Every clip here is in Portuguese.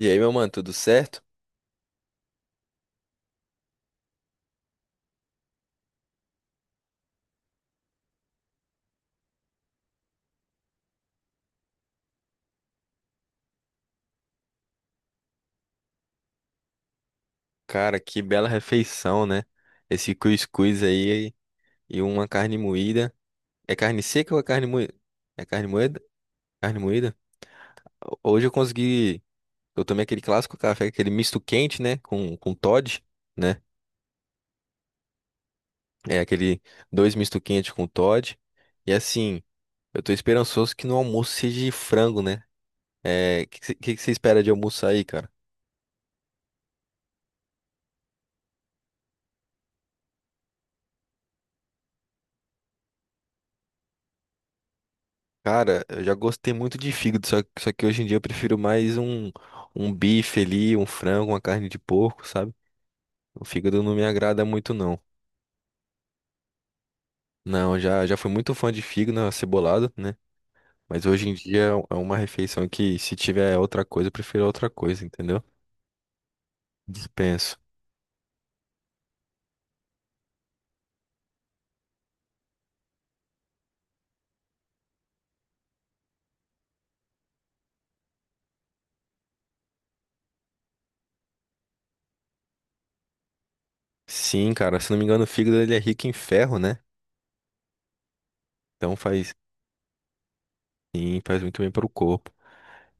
E aí, meu mano, tudo certo? Cara, que bela refeição, né? Esse cuscuz aí e uma carne moída. É carne seca ou é carne moída? É carne moída? Carne moída? Hoje eu consegui. Eu tomei aquele clássico café, aquele misto quente, né? Com Toddy, né? É aquele dois misto quente com Toddy. E assim, eu tô esperançoso que no almoço seja de frango, né? É, que você espera de almoço aí, cara? Cara, eu já gostei muito de fígado, só que hoje em dia eu prefiro mais um bife ali, um frango, uma carne de porco, sabe? O fígado não me agrada muito, não. Não, já fui muito fã de fígado acebolado, né? Mas hoje em dia é uma refeição que, se tiver outra coisa, eu prefiro outra coisa, entendeu? Dispenso. Sim, cara, se não me engano, o fígado ele é rico em ferro, né? Então faz, sim, faz muito bem pro corpo.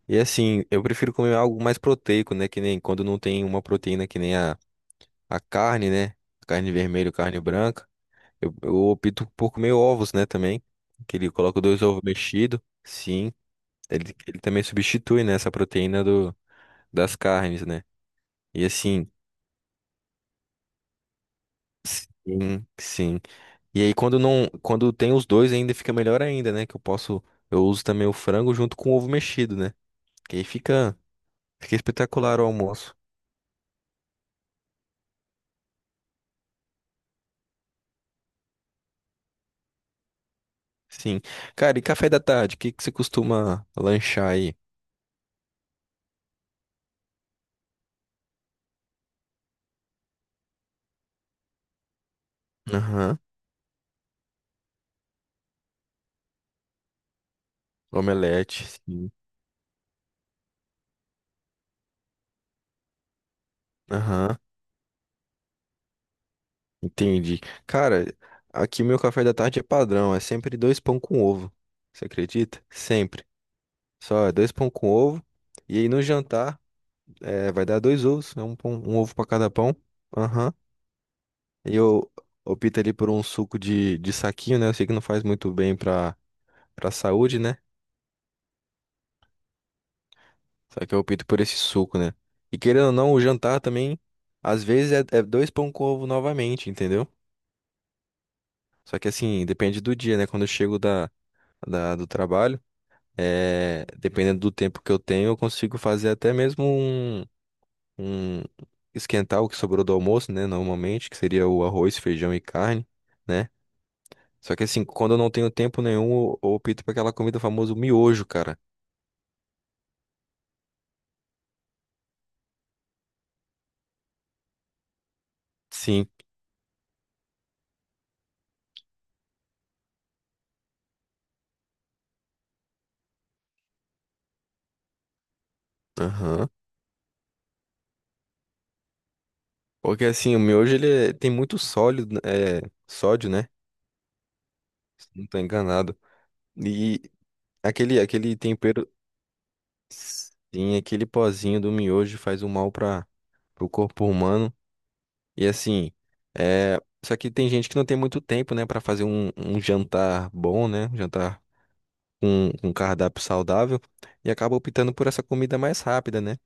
E assim, eu prefiro comer algo mais proteico, né? Que nem quando não tem uma proteína que nem a carne, né? Carne vermelha, carne branca. Eu opto por comer ovos, né, também. Que ele coloca dois ovos mexidos. Sim, ele também substitui, né, essa proteína do, das carnes, né? E assim, sim, sim. E aí quando não, quando tem os dois ainda fica melhor ainda, né? Que eu posso, eu uso também o frango junto com o ovo mexido, né? Que aí fica espetacular o almoço. Sim. Cara, e café da tarde, o que que você costuma lanchar aí? Aham. Omelete, sim. Aham. Entendi. Cara, aqui meu café da tarde é padrão, é sempre dois pão com ovo. Você acredita? Sempre. Só é dois pão com ovo. E aí no jantar é, vai dar dois ovos, né? Um ovo pra cada pão. Aham. E eu opto ali por um suco de saquinho, né? Eu sei que não faz muito bem pra saúde, né? Só que eu opto por esse suco, né? E querendo ou não, o jantar também, às vezes é dois pão com ovo novamente, entendeu? Só que assim, depende do dia, né? Quando eu chego do trabalho. É, dependendo do tempo que eu tenho, eu consigo fazer até mesmo um- esquentar o que sobrou do almoço, né? Normalmente, que seria o arroz, feijão e carne, né? Só que assim, quando eu não tenho tempo nenhum, eu opto por aquela comida famosa, o miojo, cara. Sim. Aham. Porque assim, o miojo ele tem muito sólido, né, é, sódio, né? Se não tô enganado. E aquele tempero, sim, aquele pozinho do miojo faz um mal para o corpo humano. E assim, é... só que tem gente que não tem muito tempo, né, pra fazer um jantar bom, né? Um jantar com um cardápio saudável e acaba optando por essa comida mais rápida, né?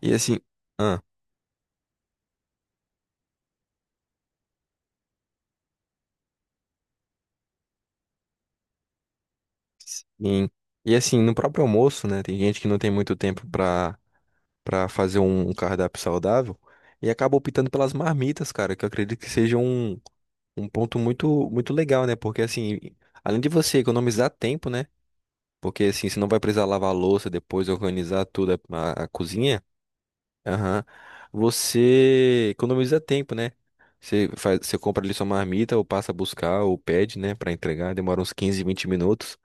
E assim, ah, sim. E assim, no próprio almoço, né? Tem gente que não tem muito tempo pra para fazer um cardápio saudável e acaba optando pelas marmitas, cara, que eu acredito que seja um ponto muito legal, né? Porque assim, além de você economizar tempo, né? Porque assim, você não vai precisar lavar a louça depois, organizar tudo cozinha. Aham. Você economiza tempo, né? Você faz, você compra ali sua marmita, ou passa a buscar, ou pede, né, pra entregar. Demora uns 15 20 minutos.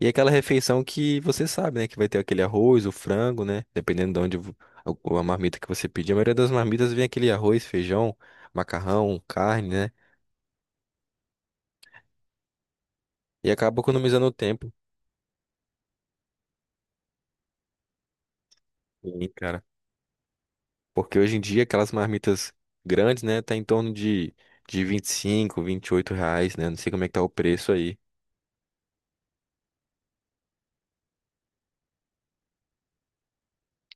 E é aquela refeição que você sabe, né, que vai ter aquele arroz, o frango, né, dependendo de onde a marmita que você pedir. A maioria das marmitas vem aquele arroz, feijão, macarrão, carne, né? E acaba economizando o tempo. Sim, cara. Porque hoje em dia aquelas marmitas grandes, né, tá em torno de vinte 25, R$ 28, né? Não sei como é que tá o preço aí.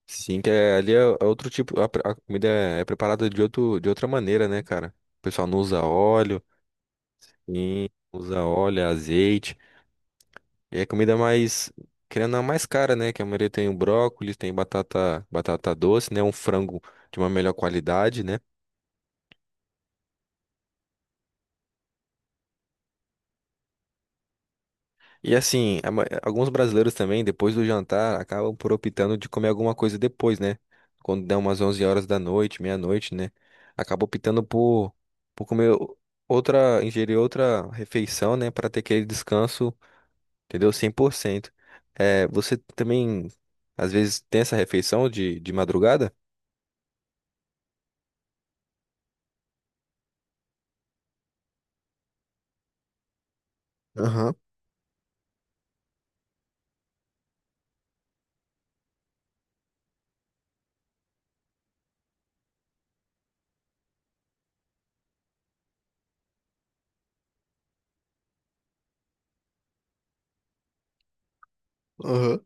Sim, que é, ali é outro tipo, a comida é preparada de outro, de outra maneira, né, cara? O pessoal não usa óleo, sim, usa óleo, é azeite. E é comida mais, querendo a mais cara, né? Que a maioria tem o brócolis, tem batata, batata doce, né? Um frango de uma melhor qualidade, né? E assim, alguns brasileiros também, depois do jantar, acabam por optando de comer alguma coisa depois, né? Quando dá umas 11 horas da noite, meia-noite, né? Acaba optando por comer ingerir outra refeição, né? Para ter aquele descanso, entendeu? 100%. É, você também, às vezes, tem essa refeição de madrugada? Aham, aham.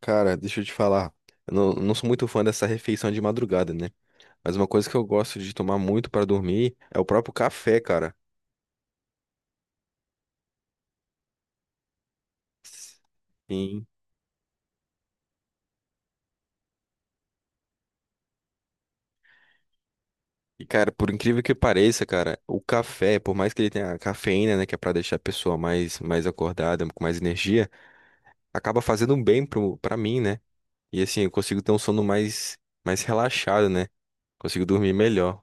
Cara, deixa eu te falar. Eu não sou muito fã dessa refeição de madrugada, né? Mas uma coisa que eu gosto de tomar muito para dormir é o próprio café, cara. Sim. E, cara, por incrível que pareça, cara, o café, por mais que ele tenha a cafeína, né, que é pra deixar a pessoa mais acordada, com mais energia, acaba fazendo um bem pro, pra mim, né? E assim, eu consigo ter um sono mais relaxado, né? Consigo dormir melhor.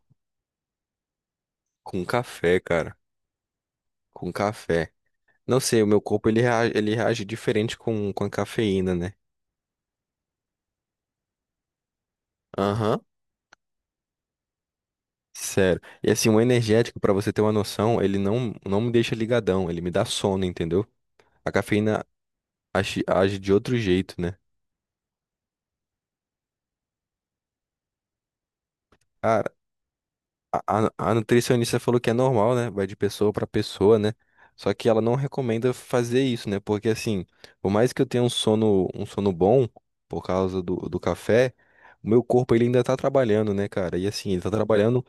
Com café, cara. Com café. Não sei, o meu corpo ele reage diferente com a cafeína, né? Aham. Sério. E assim, o energético, pra você ter uma noção, ele não me deixa ligadão, ele me dá sono, entendeu? A cafeína age de outro jeito, né? Cara, a nutricionista falou que é normal, né? Vai de pessoa pra pessoa, né? Só que ela não recomenda fazer isso, né? Porque assim, por mais que eu tenha um sono bom por causa do café, o meu corpo ele ainda tá trabalhando, né, cara? E assim, ele tá trabalhando.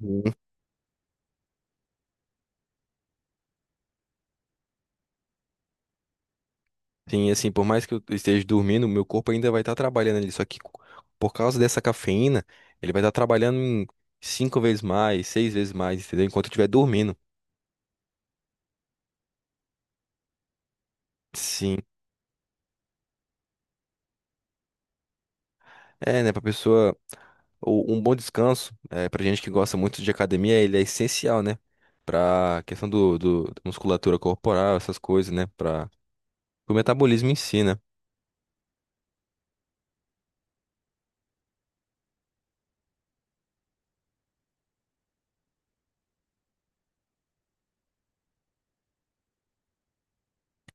Sim, sim, assim, por mais que eu esteja dormindo, o meu corpo ainda vai estar trabalhando ali. Só que por causa dessa cafeína, ele vai estar trabalhando em cinco vezes mais, seis vezes mais, entendeu? Enquanto eu estiver dormindo. Sim. É, né, pra pessoa. Um bom descanso, é, pra gente que gosta muito de academia, ele é essencial, né? Pra questão da musculatura corporal, essas coisas, né? Pra o metabolismo em si, né?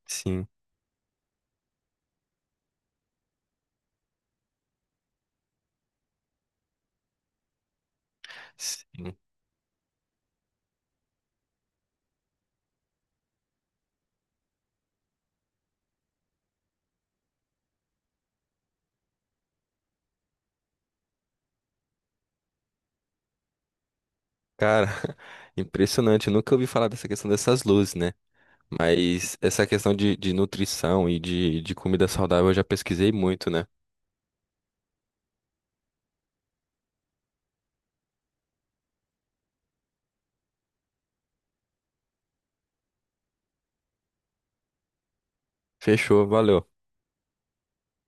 Sim, sim. Cara, impressionante. Eu nunca ouvi falar dessa questão dessas luzes, né? Mas essa questão de nutrição e de comida saudável eu já pesquisei muito, né? Fechou, valeu.